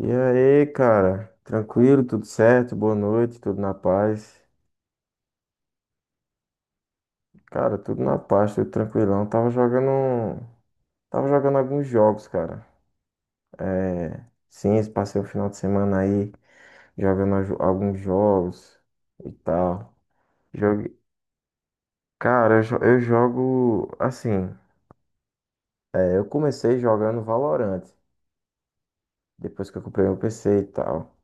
E aí, cara? Tranquilo, tudo certo? Boa noite, tudo na paz. Cara, tudo na paz, tudo tranquilão. Tava jogando alguns jogos, cara. É, sim, passei o final de semana aí jogando alguns jogos e tal. Jogue... Cara, eu jogo assim. É, eu comecei jogando Valorant, depois que eu comprei meu PC e tal.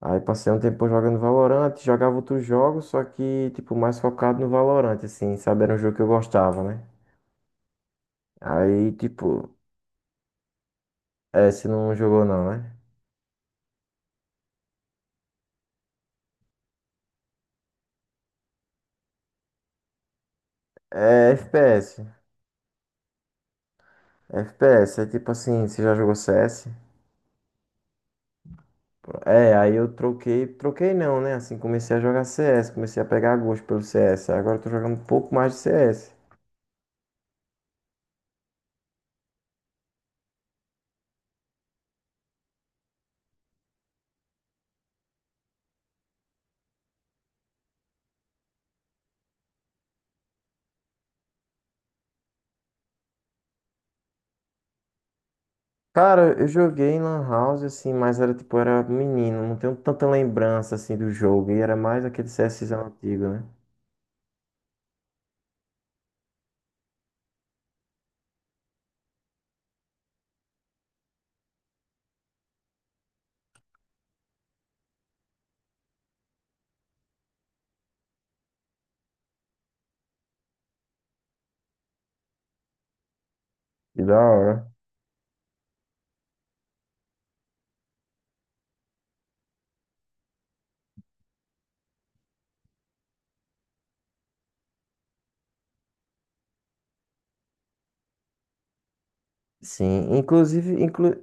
Aí passei um tempo jogando Valorant, jogava outros jogos, só que, tipo, mais focado no Valorant, assim, sabe? Era um jogo que eu gostava, né? Aí, tipo, você não jogou não, né? É FPS. FPS, é tipo assim, você já jogou CS? É, aí eu troquei, troquei não, né? Assim, comecei a jogar CS, comecei a pegar gosto pelo CS. Agora eu tô jogando um pouco mais de CS. Cara, eu joguei em Lan House, assim, mas era tipo, era menino, não tenho tanta lembrança, assim, do jogo. E era mais aquele CSzão antigo, né? Que da hora. Sim, inclusive, inclu...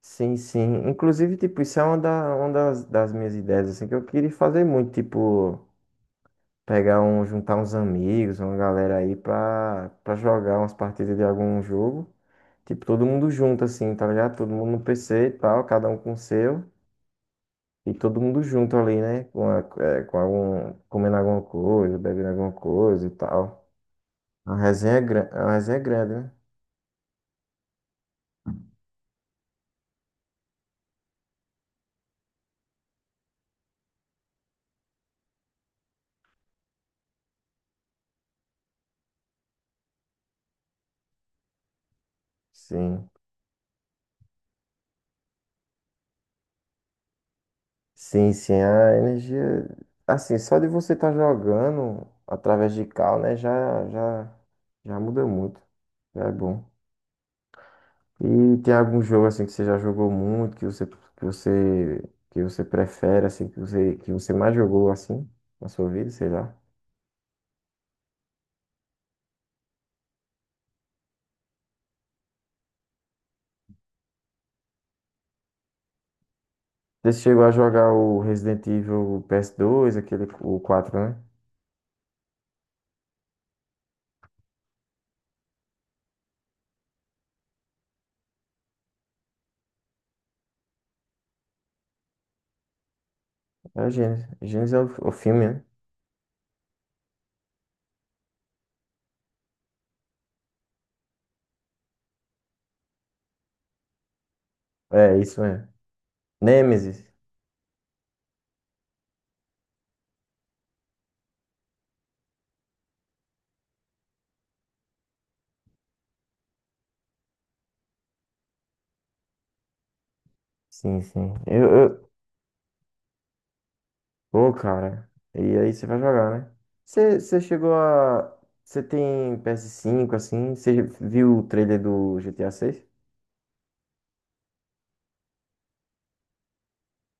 sim, sim. Inclusive, tipo, isso é uma das minhas ideias, assim, que eu queria fazer muito, tipo, pegar um, juntar uns amigos, uma galera aí pra jogar umas partidas de algum jogo. Tipo, todo mundo junto, assim, tá ligado? Todo mundo no PC e tal, cada um com o seu. E todo mundo junto ali, né? Com algum, comendo alguma coisa, bebendo alguma coisa e tal. A resenha é grande, né? Sim. Sim, sim, a energia. Assim, só de você estar jogando através de cal, né? Já muda muito. Já é bom. E tem algum jogo assim que você já jogou muito, que você prefere, assim, que você mais jogou assim na sua vida, sei lá. Você chegou a jogar o Resident Evil PS2 aquele, o 4, né? É o Genesis. Genesis é o filme, né? É, isso mesmo. Nemesis. Sim, sim. Pô, cara. E aí você vai jogar, né? Você chegou a. Você tem PS5 assim? Você viu o trailer do GTA 6.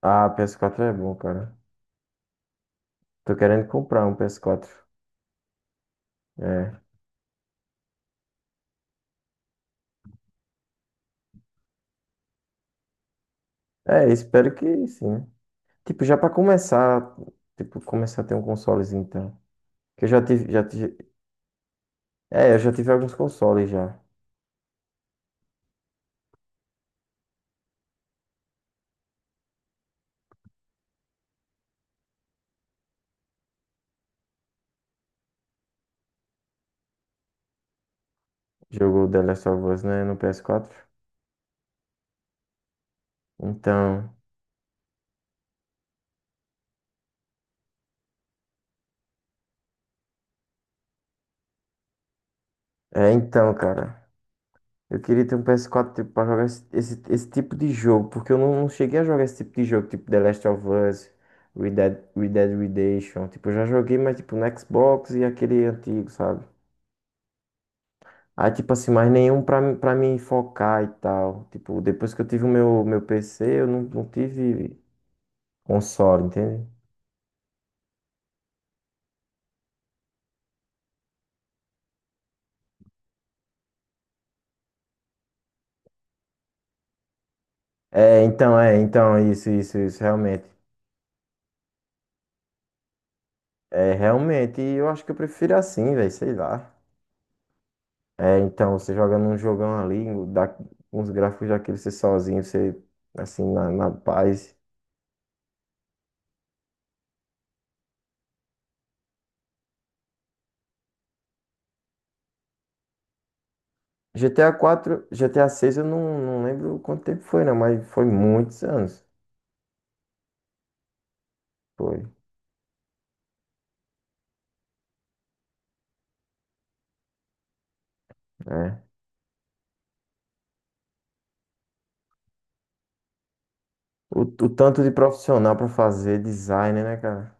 Ah, PS4 é bom, cara. Tô querendo comprar um PS4. É. É, espero que sim, né? Tipo, já pra começar, tipo, começar a ter um consolezinho, então. Que eu já tive alguns consoles já. Jogou The Last of Us, né, no PS4. Então, cara. Eu queria ter um PS4 tipo, pra jogar esse tipo de jogo, porque eu não cheguei a jogar esse tipo de jogo, tipo The Last of Us, Red Dead Redemption. Tipo, eu já joguei, mas tipo no Xbox e aquele antigo, sabe? Aí, tipo assim, mas nenhum pra me focar e tal. Tipo, depois que eu tive o meu PC, eu não tive console, entende? É, então, isso, isso, isso, realmente. É, realmente, eu acho que eu prefiro assim, velho, sei lá. É, então, você joga num jogão ali, dá uns gráficos daquele, você sozinho, você, assim, na paz. GTA 4, GTA 6, eu não lembro quanto tempo foi, né? Mas foi muitos anos. Foi, né? O tanto de profissional pra fazer design, né, cara?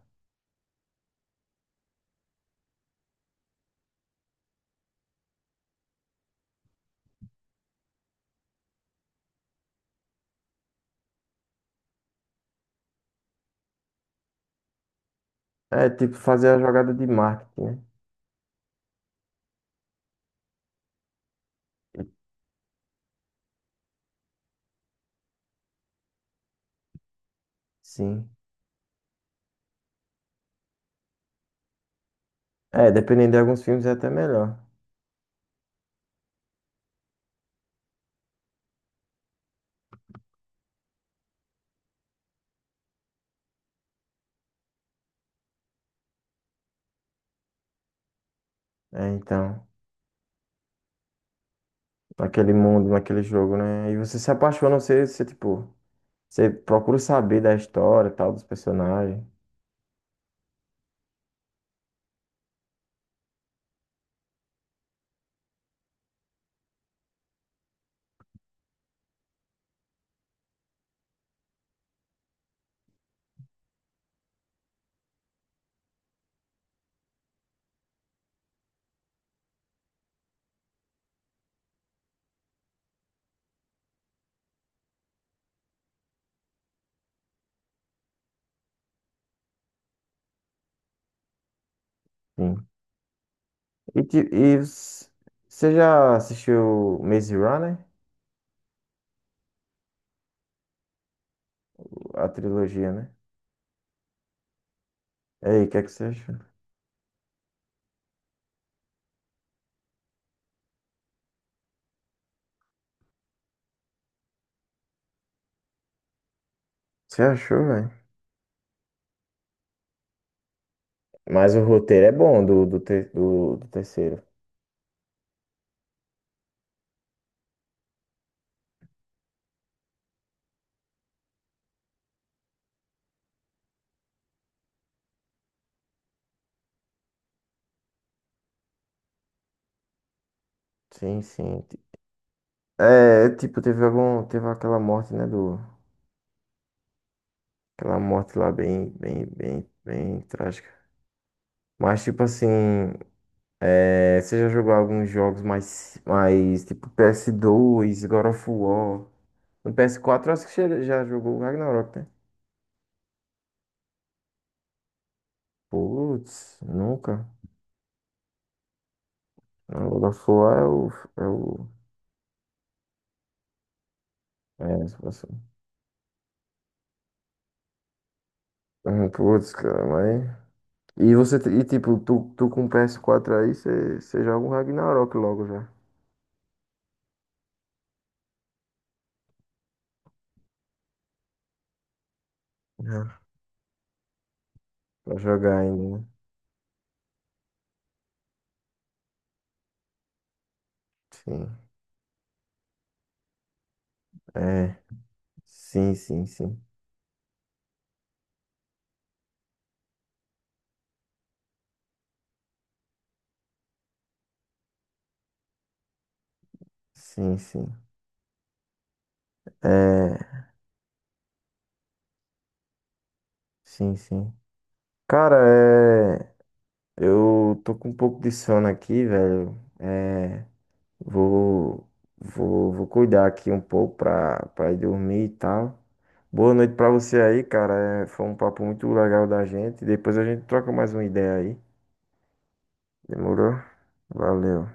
É, tipo, fazer a jogada de marketing, né? Sim. É, dependendo de alguns filmes é até melhor. É, então, naquele mundo, naquele jogo, né? E você se apaixona, você tipo, você procura saber da história, e tal, dos personagens. Sim. E, ti- e s- Você já assistiu Maze Runner? A trilogia, né? E aí, o que é que você achou? Você achou, velho? Mas o roteiro é bom do terceiro. Sim, sim. É, tipo, teve aquela morte, né, aquela morte lá bem, bem, bem, bem trágica. Mas, tipo assim, é, você já jogou alguns jogos mais, tipo, PS2, God of War. No PS4, eu acho que você já jogou o Ragnarok, né? Putz, nunca. Não, O da Foá é o. É, o, é se você... Putz, cara, mas. E tipo, tu com o PS4 aí, você joga um Ragnarok logo já. Já. Pra jogar ainda, né? Sim. É. Sim, sim, sim. Sim, sim. É. Sim, sim. Cara, é. Eu tô com um pouco de sono aqui, velho. É. Vou, vou cuidar aqui um pouco pra ir dormir e tal. Boa noite pra você aí, cara. É, foi um papo muito legal da gente. Depois a gente troca mais uma ideia aí. Demorou? Valeu.